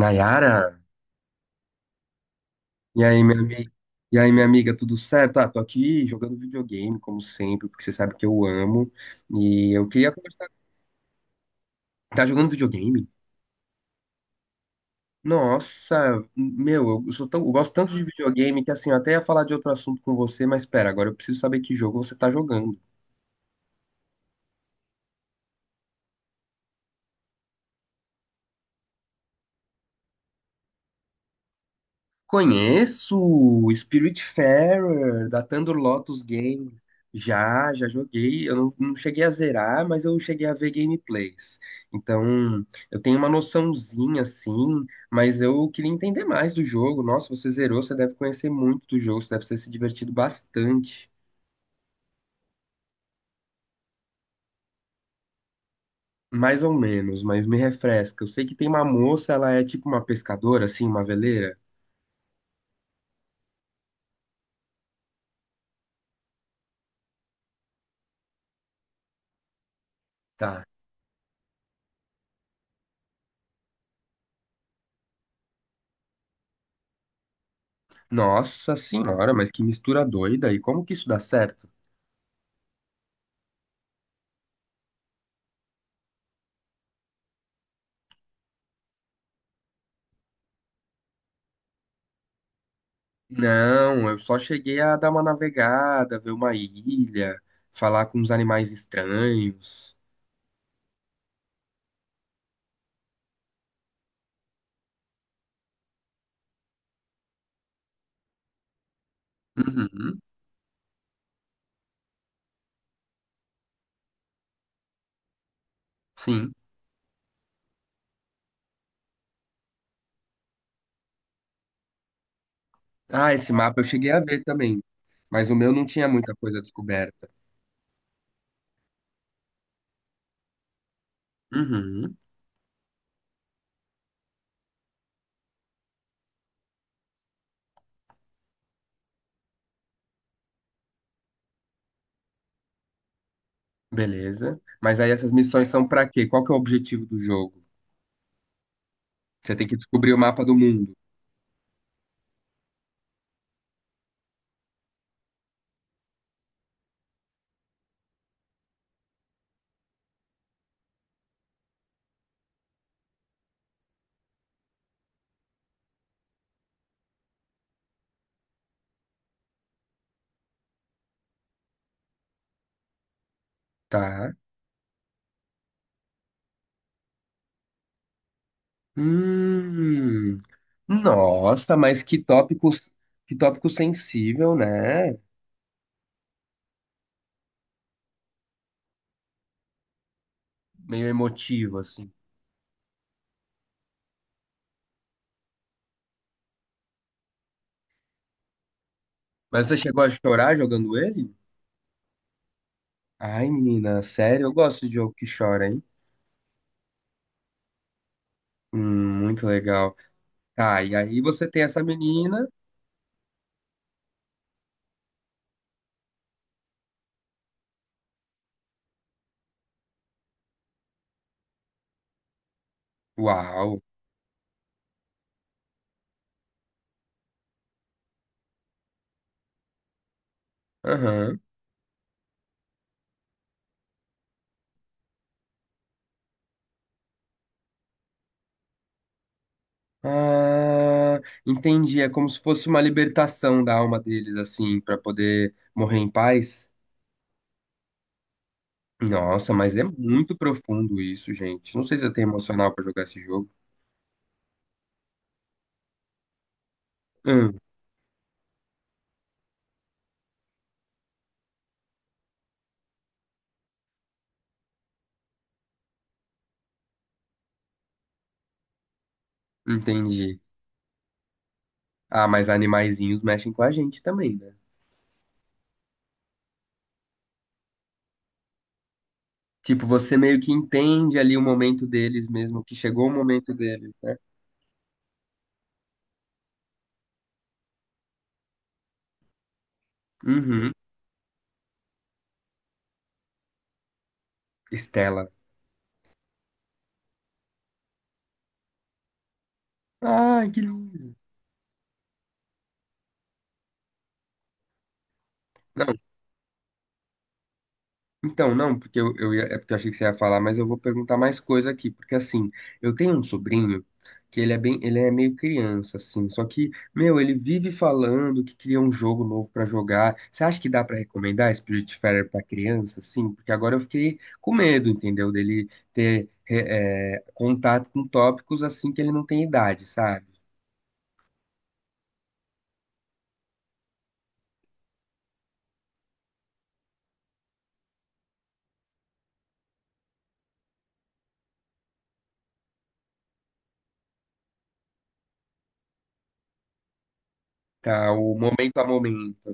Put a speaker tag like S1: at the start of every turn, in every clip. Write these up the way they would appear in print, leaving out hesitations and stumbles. S1: Nayara, e aí, minha amiga, e aí, minha amiga, tudo certo? Ah, tô aqui jogando videogame, como sempre, porque você sabe que eu amo. E eu queria conversar. Tá jogando videogame? Nossa, meu, eu gosto tanto de videogame que assim, eu até ia falar de outro assunto com você, mas pera, agora eu preciso saber que jogo você tá jogando. Conheço o Spiritfarer da Thunder Lotus Games. Já joguei. Eu não, não cheguei a zerar, mas eu cheguei a ver gameplays. Então, eu tenho uma noçãozinha assim, mas eu queria entender mais do jogo. Nossa, você zerou, você deve conhecer muito do jogo, você deve ter se divertido bastante. Mais ou menos, mas me refresca. Eu sei que tem uma moça, ela é tipo uma pescadora, assim, uma veleira. Tá. Nossa senhora, mas que mistura doida. E como que isso dá certo? Não, eu só cheguei a dar uma navegada, ver uma ilha, falar com os animais estranhos. Uhum, sim. Ah, esse mapa eu cheguei a ver também, mas o meu não tinha muita coisa descoberta. Uhum, beleza. Mas aí essas missões são pra quê? Qual que é o objetivo do jogo? Você tem que descobrir o mapa do mundo, tá? Hum, Nossa, mas que tópico sensível, né? Meio emotivo, assim. Mas você chegou a chorar jogando ele? Ai, menina, sério, eu gosto de jogo que chora, hein? Muito legal. Tá, e aí você tem essa menina. Uau! Aham. Ah, entendi. É como se fosse uma libertação da alma deles, assim, pra poder morrer em paz. Nossa, mas é muito profundo isso, gente. Não sei se eu tenho emocional pra jogar esse jogo. Hum, Entendi. Ah, mas animaizinhos mexem com a gente também, né? Tipo, você meio que entende ali o momento deles mesmo, que chegou o momento deles, né? Uhum. Estela. Ai, que lindo. Não, então, não, porque é porque eu achei que você ia falar, mas eu vou perguntar mais coisa aqui, porque assim, eu tenho um sobrinho que ele é bem, ele é meio criança, assim, só que, meu, ele vive falando que queria um jogo novo pra jogar. Você acha que dá pra recomendar Spiritfarer pra criança, assim? Porque agora eu fiquei com medo, entendeu? Dele ter contato com tópicos assim que ele não tem idade, sabe? Tá, o momento a momento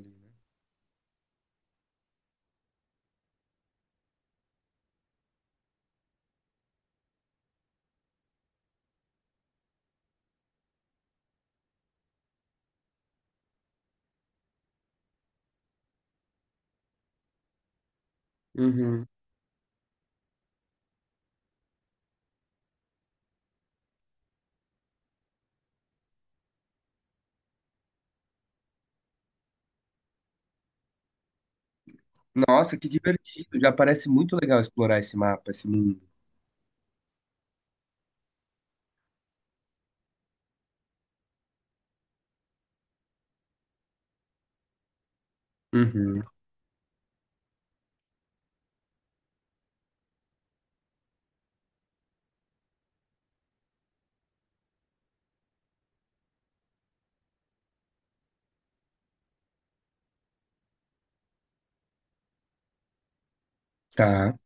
S1: ali. Nossa, que divertido. Já parece muito legal explorar esse mapa, esse mundo. Uhum. Tá,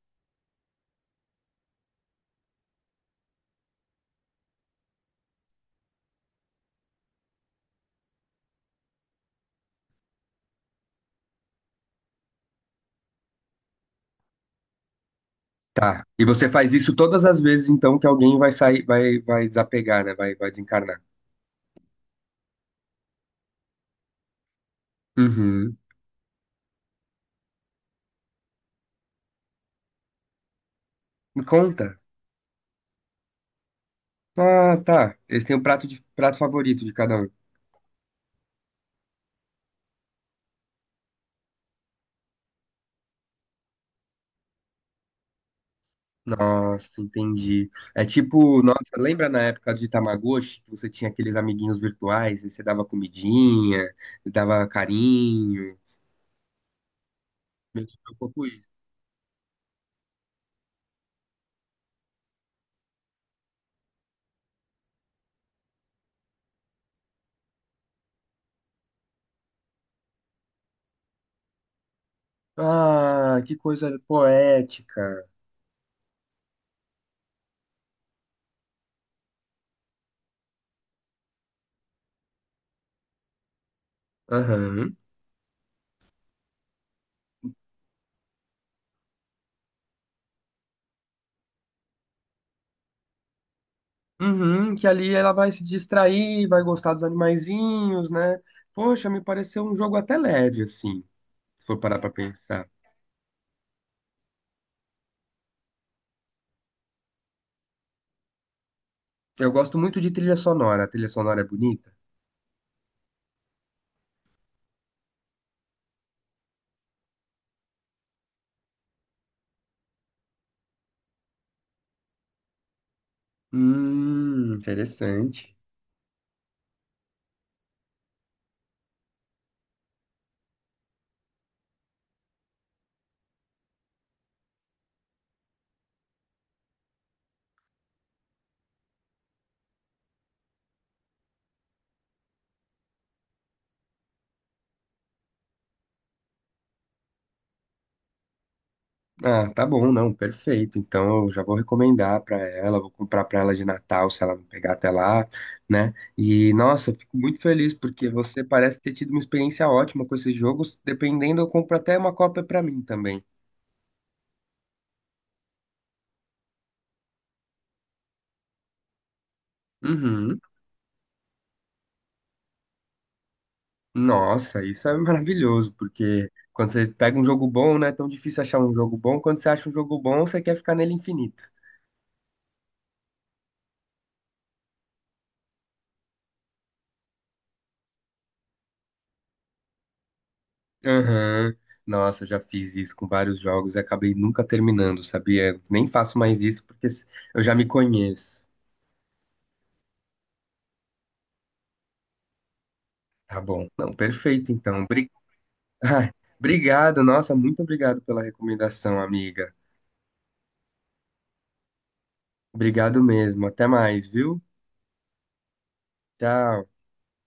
S1: tá. E você faz isso todas as vezes, então, que alguém vai sair, vai desapegar, né? Vai desencarnar. Uhum. Me conta. Ah, tá. Eles têm o prato favorito de cada um. Nossa, entendi. É tipo, nossa, lembra na época de Tamagotchi, que você tinha aqueles amiguinhos virtuais e você dava comidinha, dava carinho? Me lembra um pouco isso. Ah, que coisa poética. Aham. Uhum, que ali ela vai se distrair, vai gostar dos animaizinhos, né? Poxa, me pareceu um jogo até leve, assim, se for parar pra pensar. Eu gosto muito de trilha sonora. A trilha sonora é bonita? Interessante. Ah, tá bom, não, perfeito. Então eu já vou recomendar pra ela, vou comprar pra ela de Natal, se ela não pegar até lá, né? E nossa, eu fico muito feliz porque você parece ter tido uma experiência ótima com esses jogos. Dependendo, eu compro até uma cópia pra mim também. Uhum. Nossa, isso é maravilhoso, porque quando você pega um jogo bom, não é tão difícil achar um jogo bom. Quando você acha um jogo bom, você quer ficar nele infinito. Aham. Nossa, já fiz isso com vários jogos e acabei nunca terminando, sabia? Nem faço mais isso porque eu já me conheço. Tá bom. Não, perfeito, então. Ai, obrigado, nossa, muito obrigado pela recomendação, amiga. Obrigado mesmo. Até mais, viu? Tchau.